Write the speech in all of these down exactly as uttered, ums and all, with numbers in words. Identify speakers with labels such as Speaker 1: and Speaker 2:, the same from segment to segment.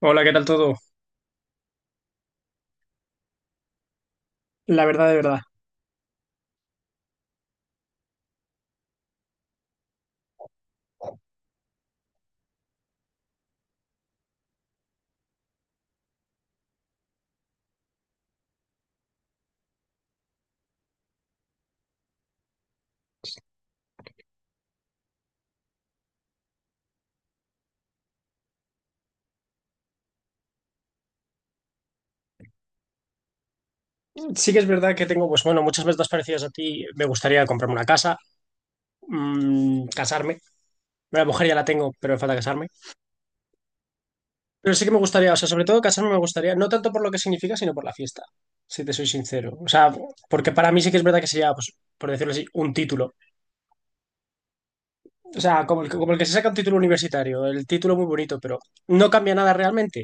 Speaker 1: Hola, ¿qué tal todo? La verdad, de verdad. Sí que es verdad que tengo, pues bueno, muchas metas parecidas a ti. Me gustaría comprarme una casa, mm, casarme. Bueno, La mujer ya la tengo, pero me falta casarme. Pero sí que me gustaría, o sea, sobre todo casarme me gustaría, no tanto por lo que significa, sino por la fiesta, si te soy sincero. O sea, porque para mí sí que es verdad que sería, pues, por decirlo así, un título. O sea, como el, que- como el que se saca un título universitario, el título muy bonito, pero no cambia nada realmente.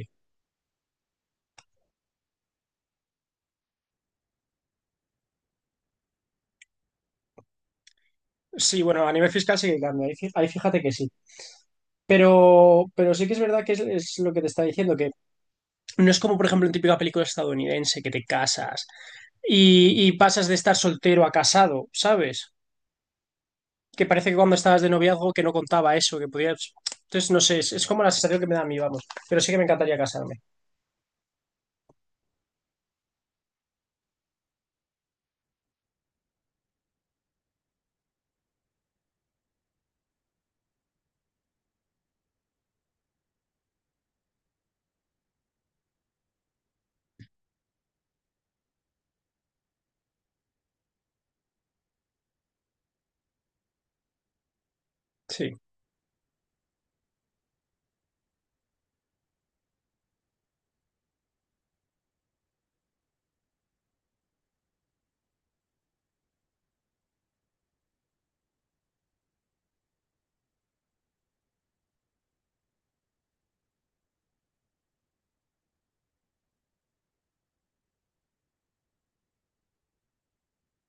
Speaker 1: Sí, bueno, a nivel fiscal sí que cambia, ahí fí- ahí fíjate que sí. Pero, pero sí que es verdad que es, es lo que te está diciendo. No es como, por ejemplo, en típica película estadounidense que te casas y, y pasas de estar soltero a casado, ¿sabes? Que parece que cuando estabas de noviazgo que no contaba eso, que podías... Entonces, no sé, es, es como la sensación que me da a mí, vamos. Pero sí que me encantaría casarme. Sí,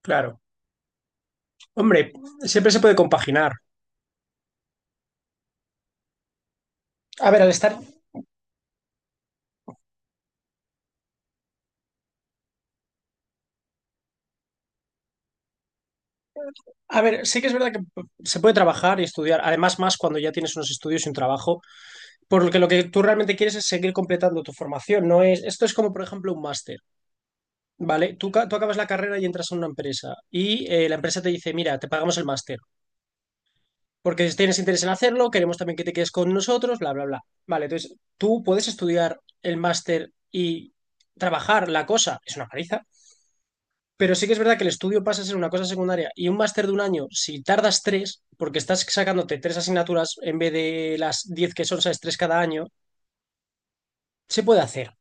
Speaker 1: claro. Hombre, siempre se puede compaginar. A ver, al estar... A ver, sí que es verdad que se puede trabajar y estudiar, además más cuando ya tienes unos estudios y un trabajo, porque lo que tú realmente quieres es seguir completando tu formación, no es... Esto es como, por ejemplo, un máster. Vale, tú, ca- tú acabas la carrera y entras a una empresa y eh, la empresa te dice, mira, te pagamos el máster, porque si tienes interés en hacerlo, queremos también que te quedes con nosotros, bla, bla, bla. Vale, entonces tú puedes estudiar el máster y trabajar. La cosa es una paliza, pero sí que es verdad que el estudio pasa a ser una cosa secundaria y un máster de un año, si tardas tres, porque estás sacándote tres asignaturas en vez de las diez que son, sabes, tres cada año, se puede hacer.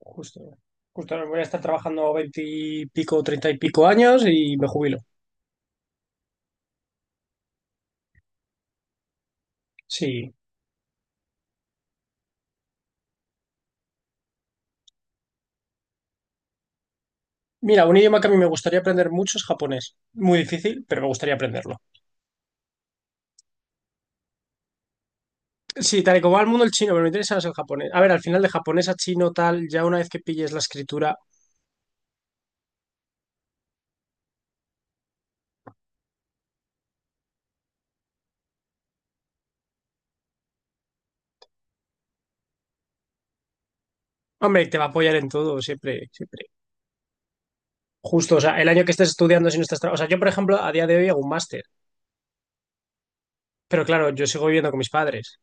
Speaker 1: Justo, justo voy a estar trabajando veinte y pico treinta y pico años y me jubilo. Sí. Mira, un idioma que a mí me gustaría aprender mucho es japonés. Muy difícil, pero me gustaría aprenderlo. Sí, tal y como va el mundo el chino, pero me interesa más el japonés. A ver, al final de japonés a chino tal, ya una vez que pilles la escritura, hombre, te va a apoyar en todo, siempre, siempre. Justo, o sea, el año que estés estudiando si no estás... tra- O sea, yo, por ejemplo, a día de hoy hago un máster, pero claro, yo sigo viviendo con mis padres.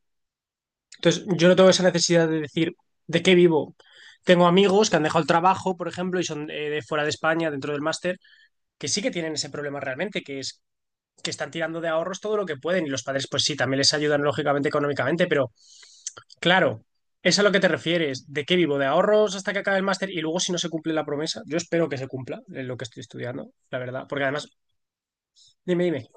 Speaker 1: Entonces, yo no tengo esa necesidad de decir, ¿de qué vivo? Tengo amigos que han dejado el trabajo, por ejemplo, y son eh, de fuera de España, dentro del máster, que sí que tienen ese problema realmente, que es que están tirando de ahorros todo lo que pueden y los padres pues sí, también les ayudan lógicamente económicamente, pero claro, es a lo que te refieres, ¿de qué vivo? ¿De ahorros hasta que acabe el máster y luego si no se cumple la promesa? Yo espero que se cumpla en lo que estoy estudiando, la verdad, porque además, dime, dime,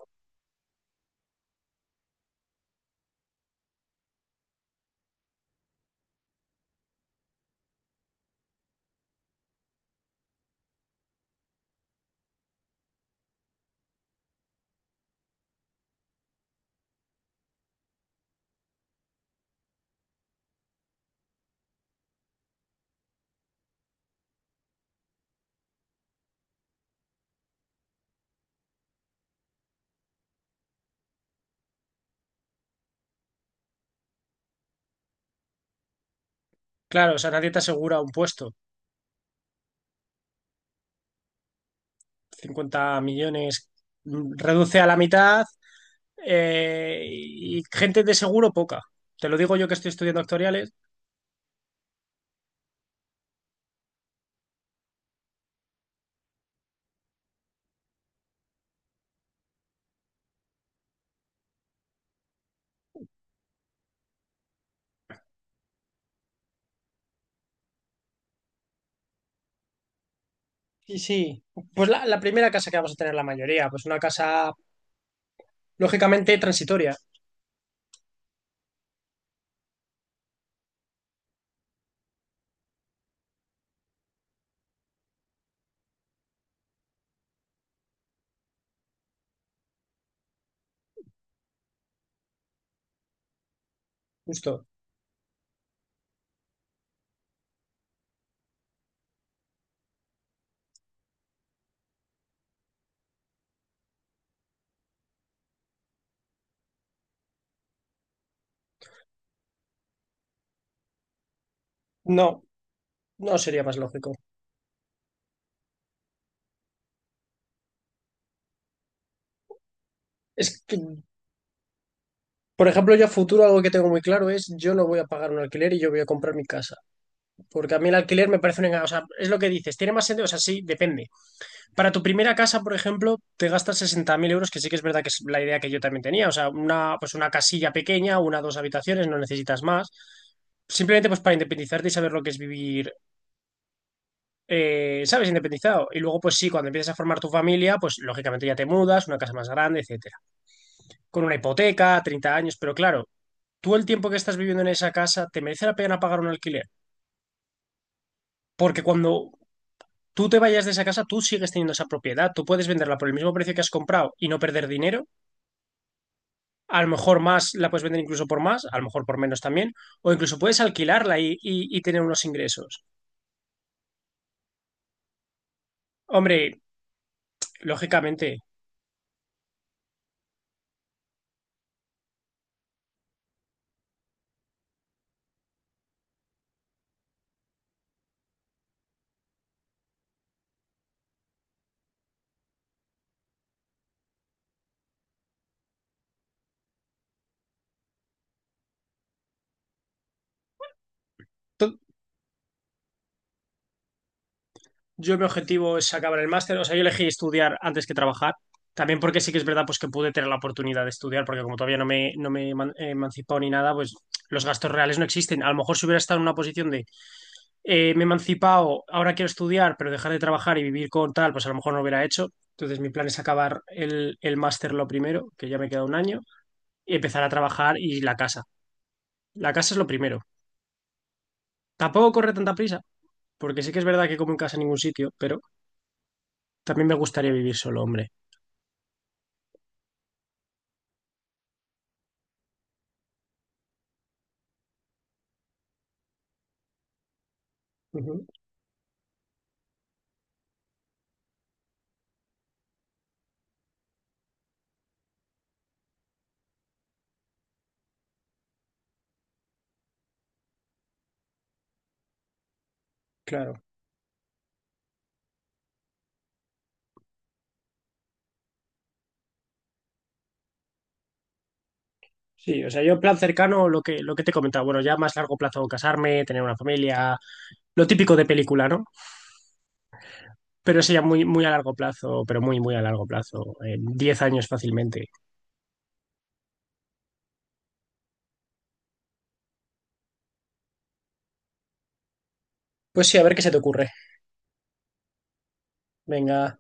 Speaker 1: claro, o sea, nadie te asegura un puesto. Cincuenta millones. Mm, reduce a la mitad eh, y gente de seguro poca. Te lo digo yo que estoy estudiando actuariales. Y sí, pues la, la primera casa que vamos a tener la mayoría, pues una casa lógicamente transitoria. Justo. No, no sería más lógico. Es que, por ejemplo, yo a futuro algo que tengo muy claro es yo no voy a pagar un alquiler y yo voy a comprar mi casa. Porque a mí el alquiler me parece un engaño. O sea, es lo que dices, tiene más sentido. O sea, sí, depende. Para tu primera casa, por ejemplo, te gastas sesenta mil euros, que sí que es verdad que es la idea que yo también tenía. O sea, una, pues una casilla pequeña, una, dos habitaciones, no necesitas más. Simplemente pues para independizarte y saber lo que es vivir eh, ¿sabes? Independizado. Y luego, pues sí, cuando empiezas a formar tu familia, pues lógicamente ya te mudas, una casa más grande, etcétera. Con una hipoteca, treinta años, pero claro, tú el tiempo que estás viviendo en esa casa, ¿te merece la pena pagar un alquiler? Porque cuando tú te vayas de esa casa, tú sigues teniendo esa propiedad, tú puedes venderla por el mismo precio que has comprado y no perder dinero. A lo mejor más, la puedes vender incluso por más, a lo mejor por menos también, o incluso puedes alquilarla y, y- y tener unos ingresos. Hombre, lógicamente. to- Yo mi objetivo es acabar el máster, o sea, yo elegí estudiar antes que trabajar, también porque sí que es verdad pues que pude tener la oportunidad de estudiar, porque como todavía no me, no me he eman- he emancipado ni nada, pues los gastos reales no existen. A lo mejor si hubiera estado en una posición de eh, me he emancipado, ahora quiero estudiar, pero dejar de trabajar y vivir con tal, pues a lo mejor no lo hubiera hecho. Entonces mi plan es acabar el, el máster lo primero, que ya me queda un año, y empezar a trabajar y la casa. La casa es lo primero. Tampoco corre tanta prisa, porque sí que es verdad que como en casa en ningún sitio, pero también me gustaría vivir solo, hombre. Claro. Sí, o sea, yo en plan cercano, lo que, lo que te he comentado. Bueno, ya más largo plazo, casarme, tener una familia, lo típico de película, ¿no? Pero eso ya muy, muy a largo plazo, pero muy, muy a largo plazo, en diez años fácilmente. Pues sí, a ver qué se te ocurre. Venga.